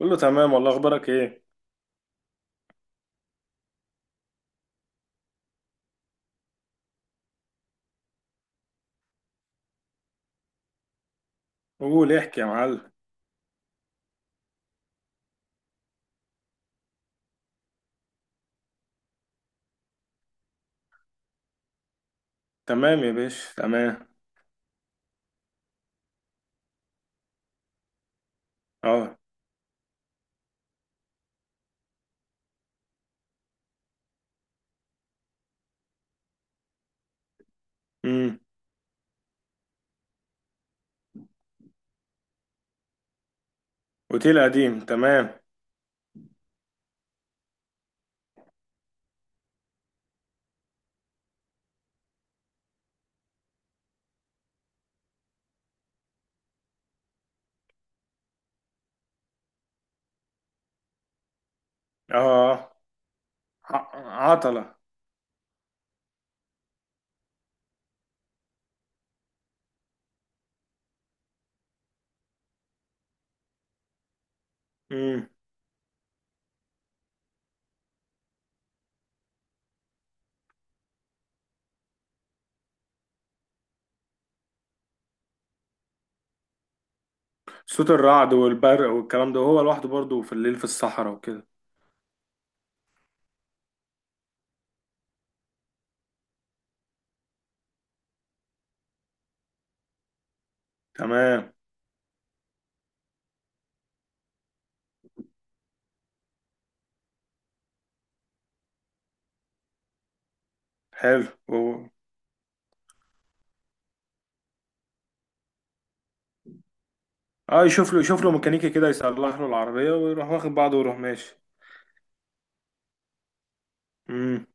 قول له تمام والله اخبارك ايه؟ قول احكي يا معلم. تمام يا باشا، تمام. اه. امم. اوتيل قديم، تمام. اه. ع- عطلة. امم. صوت الرعد والبرق والكلام ده، وهو لوحده برضه في الليل في الصحراء وكده. تمام. حلو اه، يشوف له، يشوف له ميكانيكي كده يصلح له العربية ويروح واخد بعضه ويروح ماشي. امم.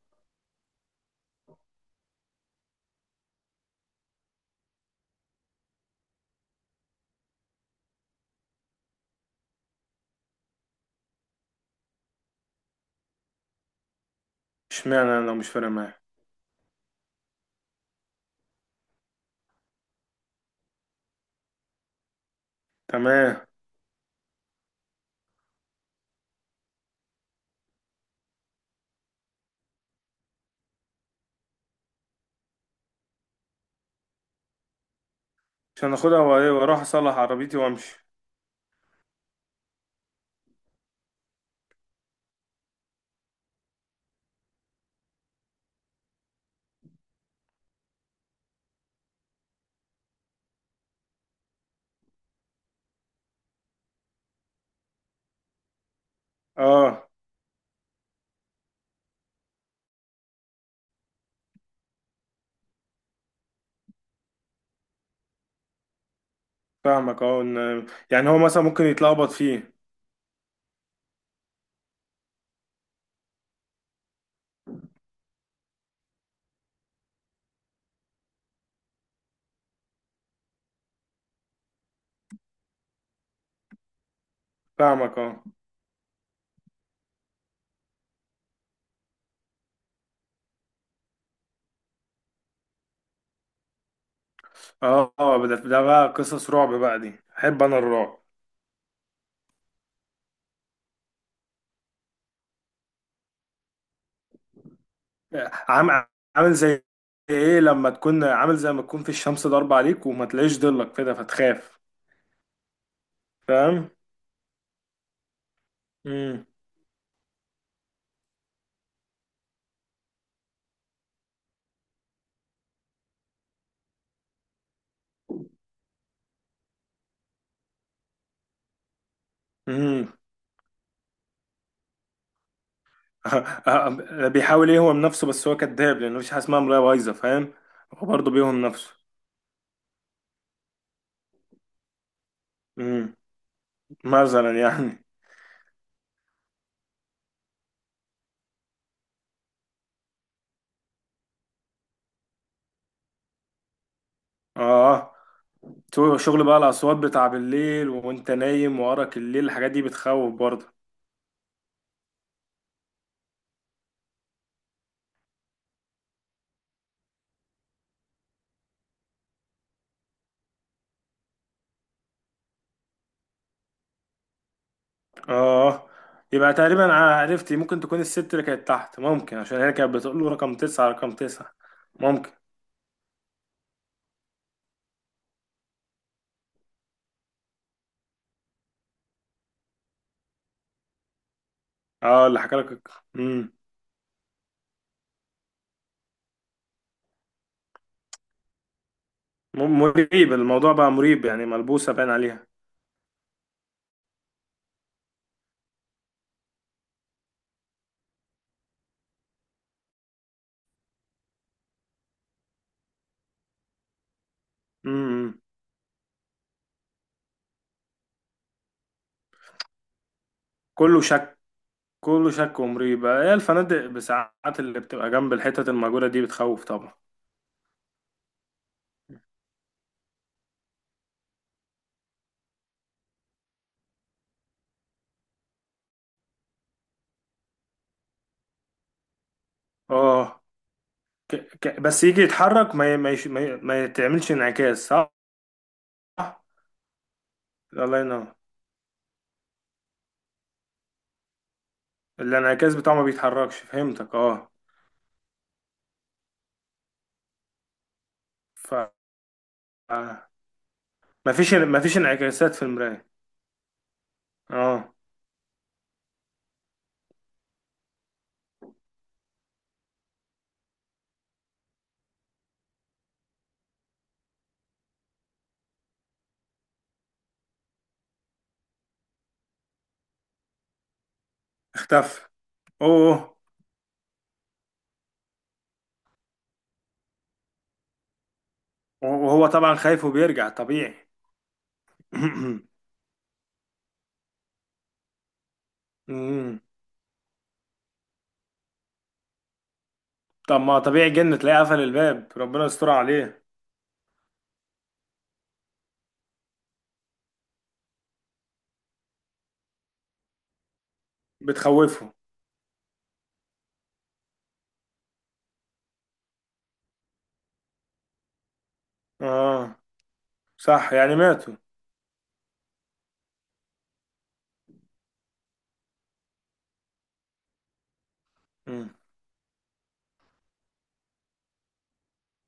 اشمعنى انا لو مش فارق معاه؟ تمام. عشان اخدها وايه واروح اصلح عربيتي وامشي. اه فاهمك. اه يعني هو مثلا ممكن يتلخبط فيه. فاهمك، اه. اه، ده بقى قصص رعب بقى، دي احب انا الرعب. عام عامل زي ايه، لما تكون عامل زي ما تكون في الشمس ضاربة عليك وما تلاقيش ضلك كده فتخاف. فاهم. امم. امم. بيحاول يهوم نفسه، بس هو كذاب لانه مفيش حاجه اسمها مرايه بايظه، فاهم؟ هو برضه بيهوم نفسه. امم، مثلا يعني. اه، شغل بقى الاصوات بتاع بالليل وانت نايم وراك الليل، الحاجات دي بتخوف برضه. اه، يبقى تقريبا انا عرفت. ممكن تكون الست اللي كانت تحت، ممكن، عشان هي كانت بتقول له رقم تسعة رقم تسعة. ممكن. اه، اللي حكى لك. امم. مريب، الموضوع بقى مريب، يعني ملبوسة باين عليها. امم. كله شك. كله شك ومريب. هي الفنادق بساعات اللي بتبقى جنب الحتت المأجورة دي بتخوف طبعا. اه، بس يجي يتحرك ما ي... ما, يش... ما, ي... ما يتعملش انعكاس، صح. الله ينور. الانعكاس بتاعه ما بيتحركش، فهمتك، اه. ف مفيش انعكاسات في المراية. اه. اختفى. اوه. وهو طبعا خايف وبيرجع طبيعي. أمم. طب ما طبيعي، جن، تلاقيه قفل الباب. ربنا يستر عليه. بتخوفه. اه صح، يعني ماتوا. أمم.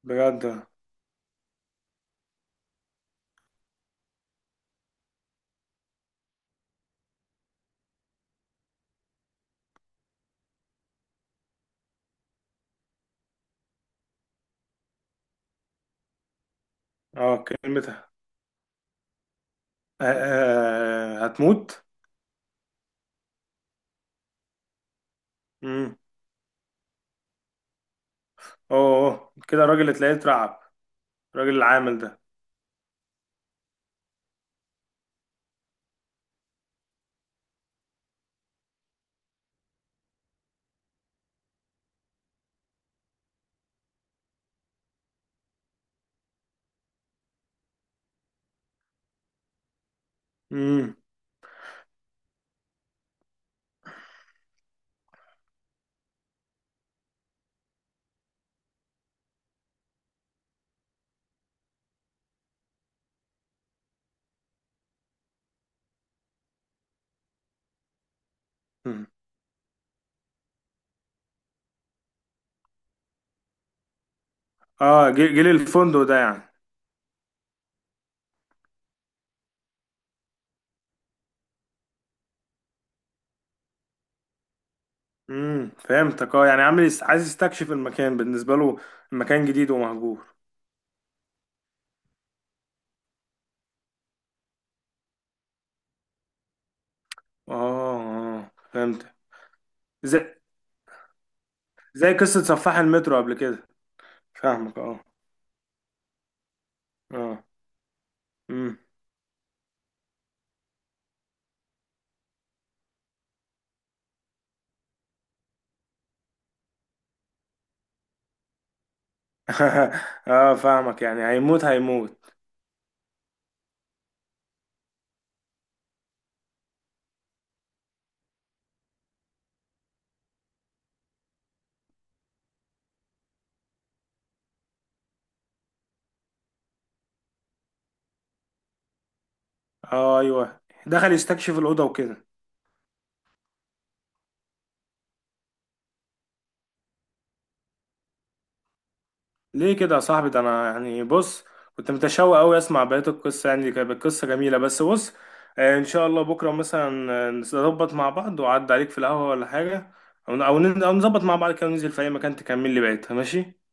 بجد. اه، كلمتها آه. آه، هتموت. امم. اوه، أوه. كده الراجل اللي تلاقيه اترعب. الراجل العامل ده. امم. أمم. اه، جيل الفندق ده يعني. امم، فهمتك، اه. يعني عامل عايز يستكشف المكان. بالنسبه له المكان جديد ومهجور. اه. اه فهمت. زي زي قصه سفاح المترو قبل كده. فاهمك، اه. اه. امم. اه فاهمك، يعني هيموت، هيموت. اه ايوه، دخل يستكشف الاوضه وكده. ليه كده يا صاحبي؟ ده انا يعني بص، كنت متشوق قوي اسمع بقيه القصه، يعني كانت القصه جميله. بس بص، ان شاء الله بكره مثلا، نظبط مع بعض وعد عليك في القهوه ولا حاجه. او أو نظبط مع بعض كده وننزل في اي مكان تكمل لي بقيتها، ماشي؟